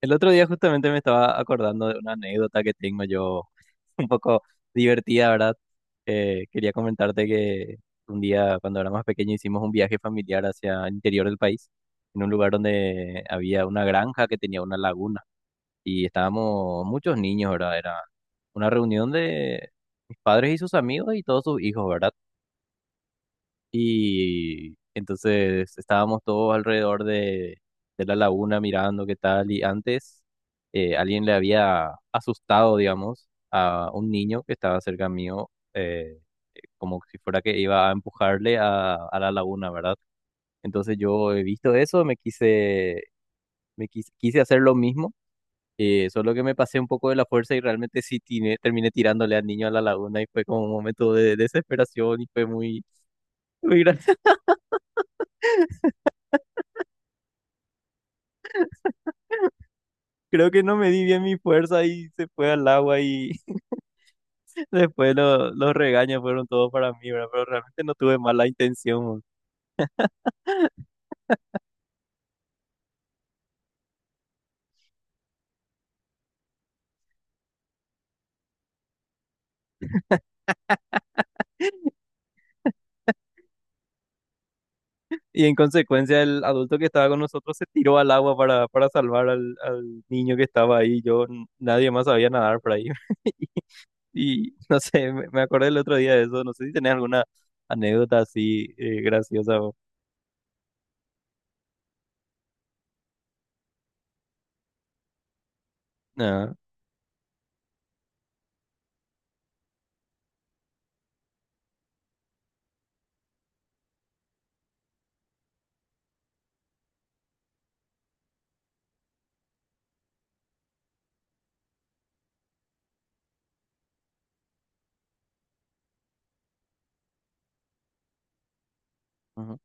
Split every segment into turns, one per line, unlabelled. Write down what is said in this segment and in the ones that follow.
El otro día justamente me estaba acordando de una anécdota que tengo yo, un poco divertida, ¿verdad? Quería comentarte que un día cuando era más pequeño hicimos un viaje familiar hacia el interior del país, en un lugar donde había una granja que tenía una laguna y estábamos muchos niños, ¿verdad? Era una reunión de mis padres y sus amigos y todos sus hijos, ¿verdad? Y entonces estábamos todos alrededor de la laguna mirando qué tal. Y antes alguien le había asustado, digamos, a un niño que estaba cerca mío, como si fuera que iba a empujarle a la laguna, ¿verdad? Entonces yo he visto eso, quise hacer lo mismo. Solo que me pasé un poco de la fuerza y realmente sí terminé tirándole al niño a la laguna y fue como un momento de desesperación y fue muy gracioso. Creo que no me di bien mi fuerza y se fue al agua y después los regaños fueron todos para mí, ¿verdad? Pero realmente no tuve mala intención. Y en consecuencia el adulto que estaba con nosotros se tiró al agua para salvar al niño que estaba ahí. Yo, nadie más sabía nadar por ahí. Y no sé, me acordé el otro día de eso. No sé si tenés alguna anécdota así graciosa. Ah, ujú.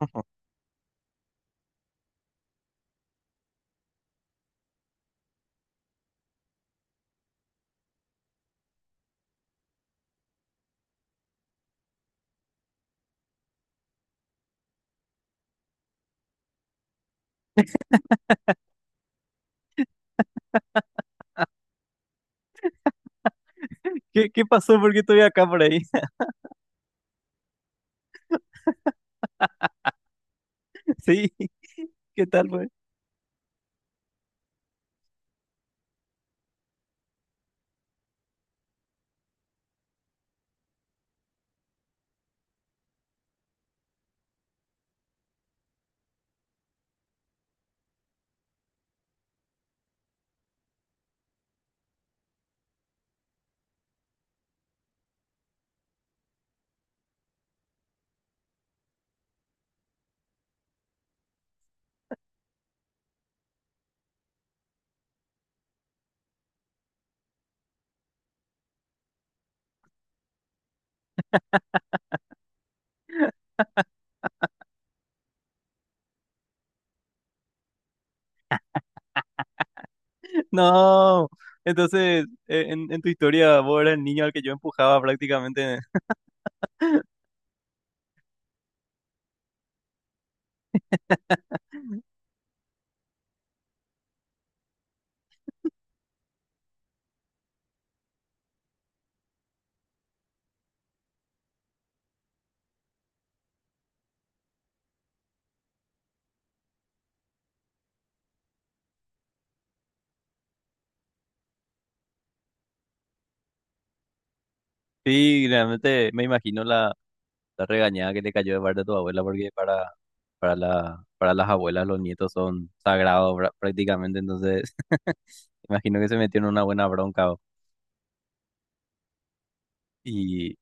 ¿Qué pasó? ¿Por qué estoy acá por ahí? Sí, ¿qué tal, pues? No, entonces en tu historia vos eras el niño al que yo empujaba prácticamente. Sí, realmente me imagino la regañada que le cayó de parte de tu abuela, porque para las abuelas los nietos son sagrados prácticamente, entonces imagino que se metieron en una buena bronca. Y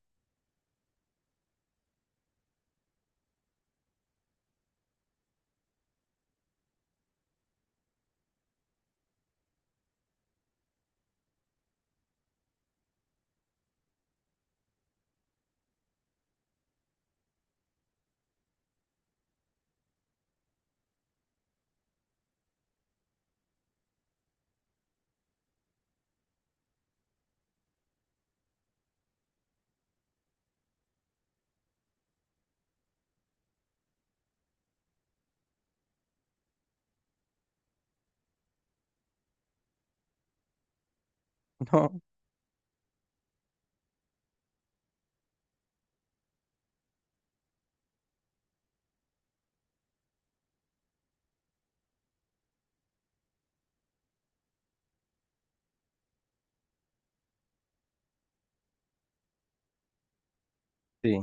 no, sí,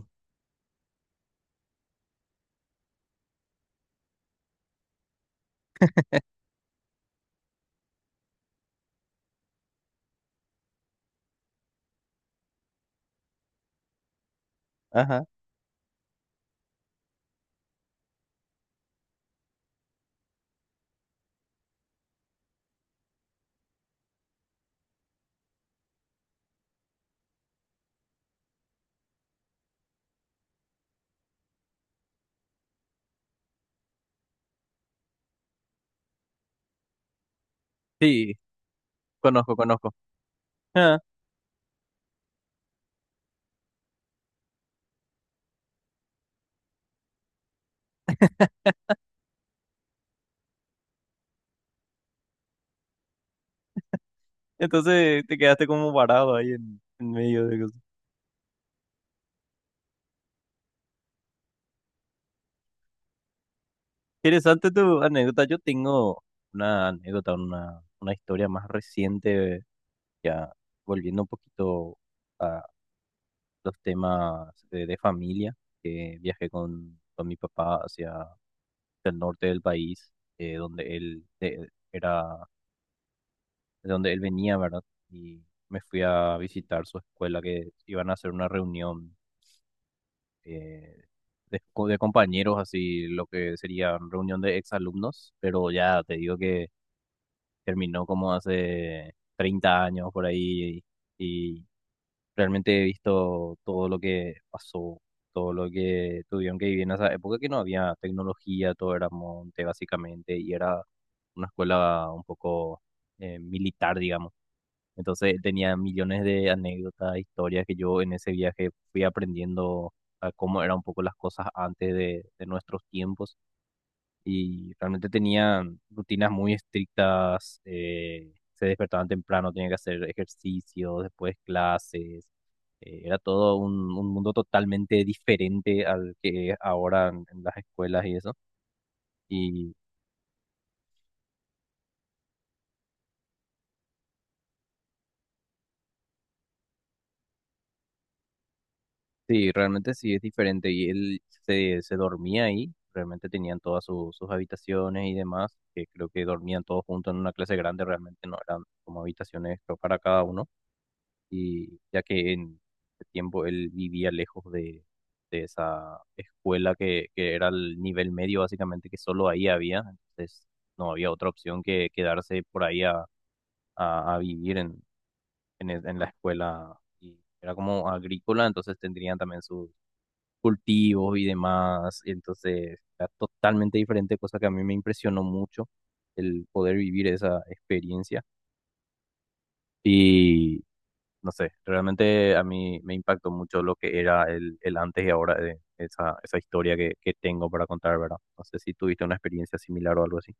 ajá, sí, conozco, conozco. Ah. Entonces te quedaste como parado ahí en medio de cosas. Interesante tu anécdota. Yo tengo una anécdota, una historia más reciente, ya volviendo un poquito a los temas de familia, que viajé con mi papá hacia el norte del país, donde él era, de donde él venía, ¿verdad? Y me fui a visitar su escuela, que iban a hacer una reunión eh, de compañeros, así lo que sería reunión de exalumnos, pero ya te digo que terminó como hace 30 años por ahí y realmente he visto todo lo que pasó, todo lo que tuvieron que vivir en esa época que no había tecnología, todo era monte básicamente y era una escuela un poco militar, digamos. Entonces tenía millones de anécdotas, historias que yo en ese viaje fui aprendiendo a cómo eran un poco las cosas antes de nuestros tiempos y realmente tenían rutinas muy estrictas, se despertaban temprano, tenían que hacer ejercicio, después clases, era todo un mundo totalmente diferente al que es ahora en las escuelas y eso. Y sí, realmente sí es diferente. Y él se dormía ahí, realmente tenían todas sus habitaciones y demás, que creo que dormían todos juntos en una clase grande, realmente no eran como habitaciones creo, para cada uno. Y ya que en ese tiempo él vivía lejos de esa escuela que era el nivel medio, básicamente, que solo ahí había, entonces no había otra opción que quedarse por ahí a vivir en la escuela. Y era como agrícola, entonces tendrían también sus cultivos y demás. Entonces, era totalmente diferente, cosa que a mí me impresionó mucho el poder vivir esa experiencia. Y no sé, realmente a mí me impactó mucho lo que era el antes y ahora de esa historia que tengo para contar, ¿verdad? No sé si tuviste una experiencia similar o algo así.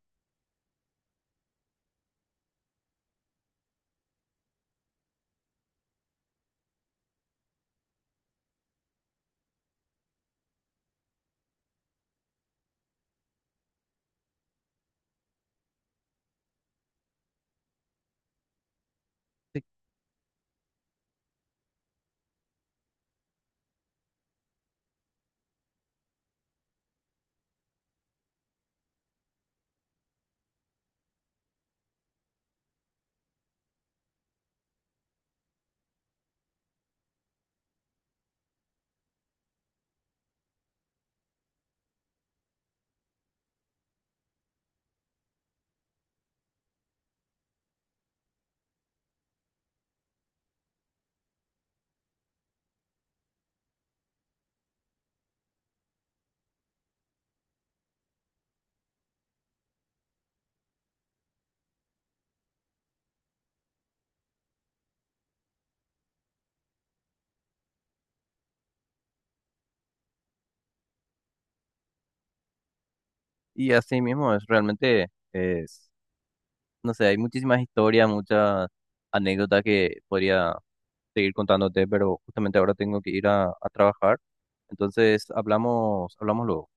Y así mismo es realmente, es, no sé, hay muchísimas historias, muchas anécdotas que podría seguir contándote, pero justamente ahora tengo que ir a trabajar. Entonces, hablamos luego.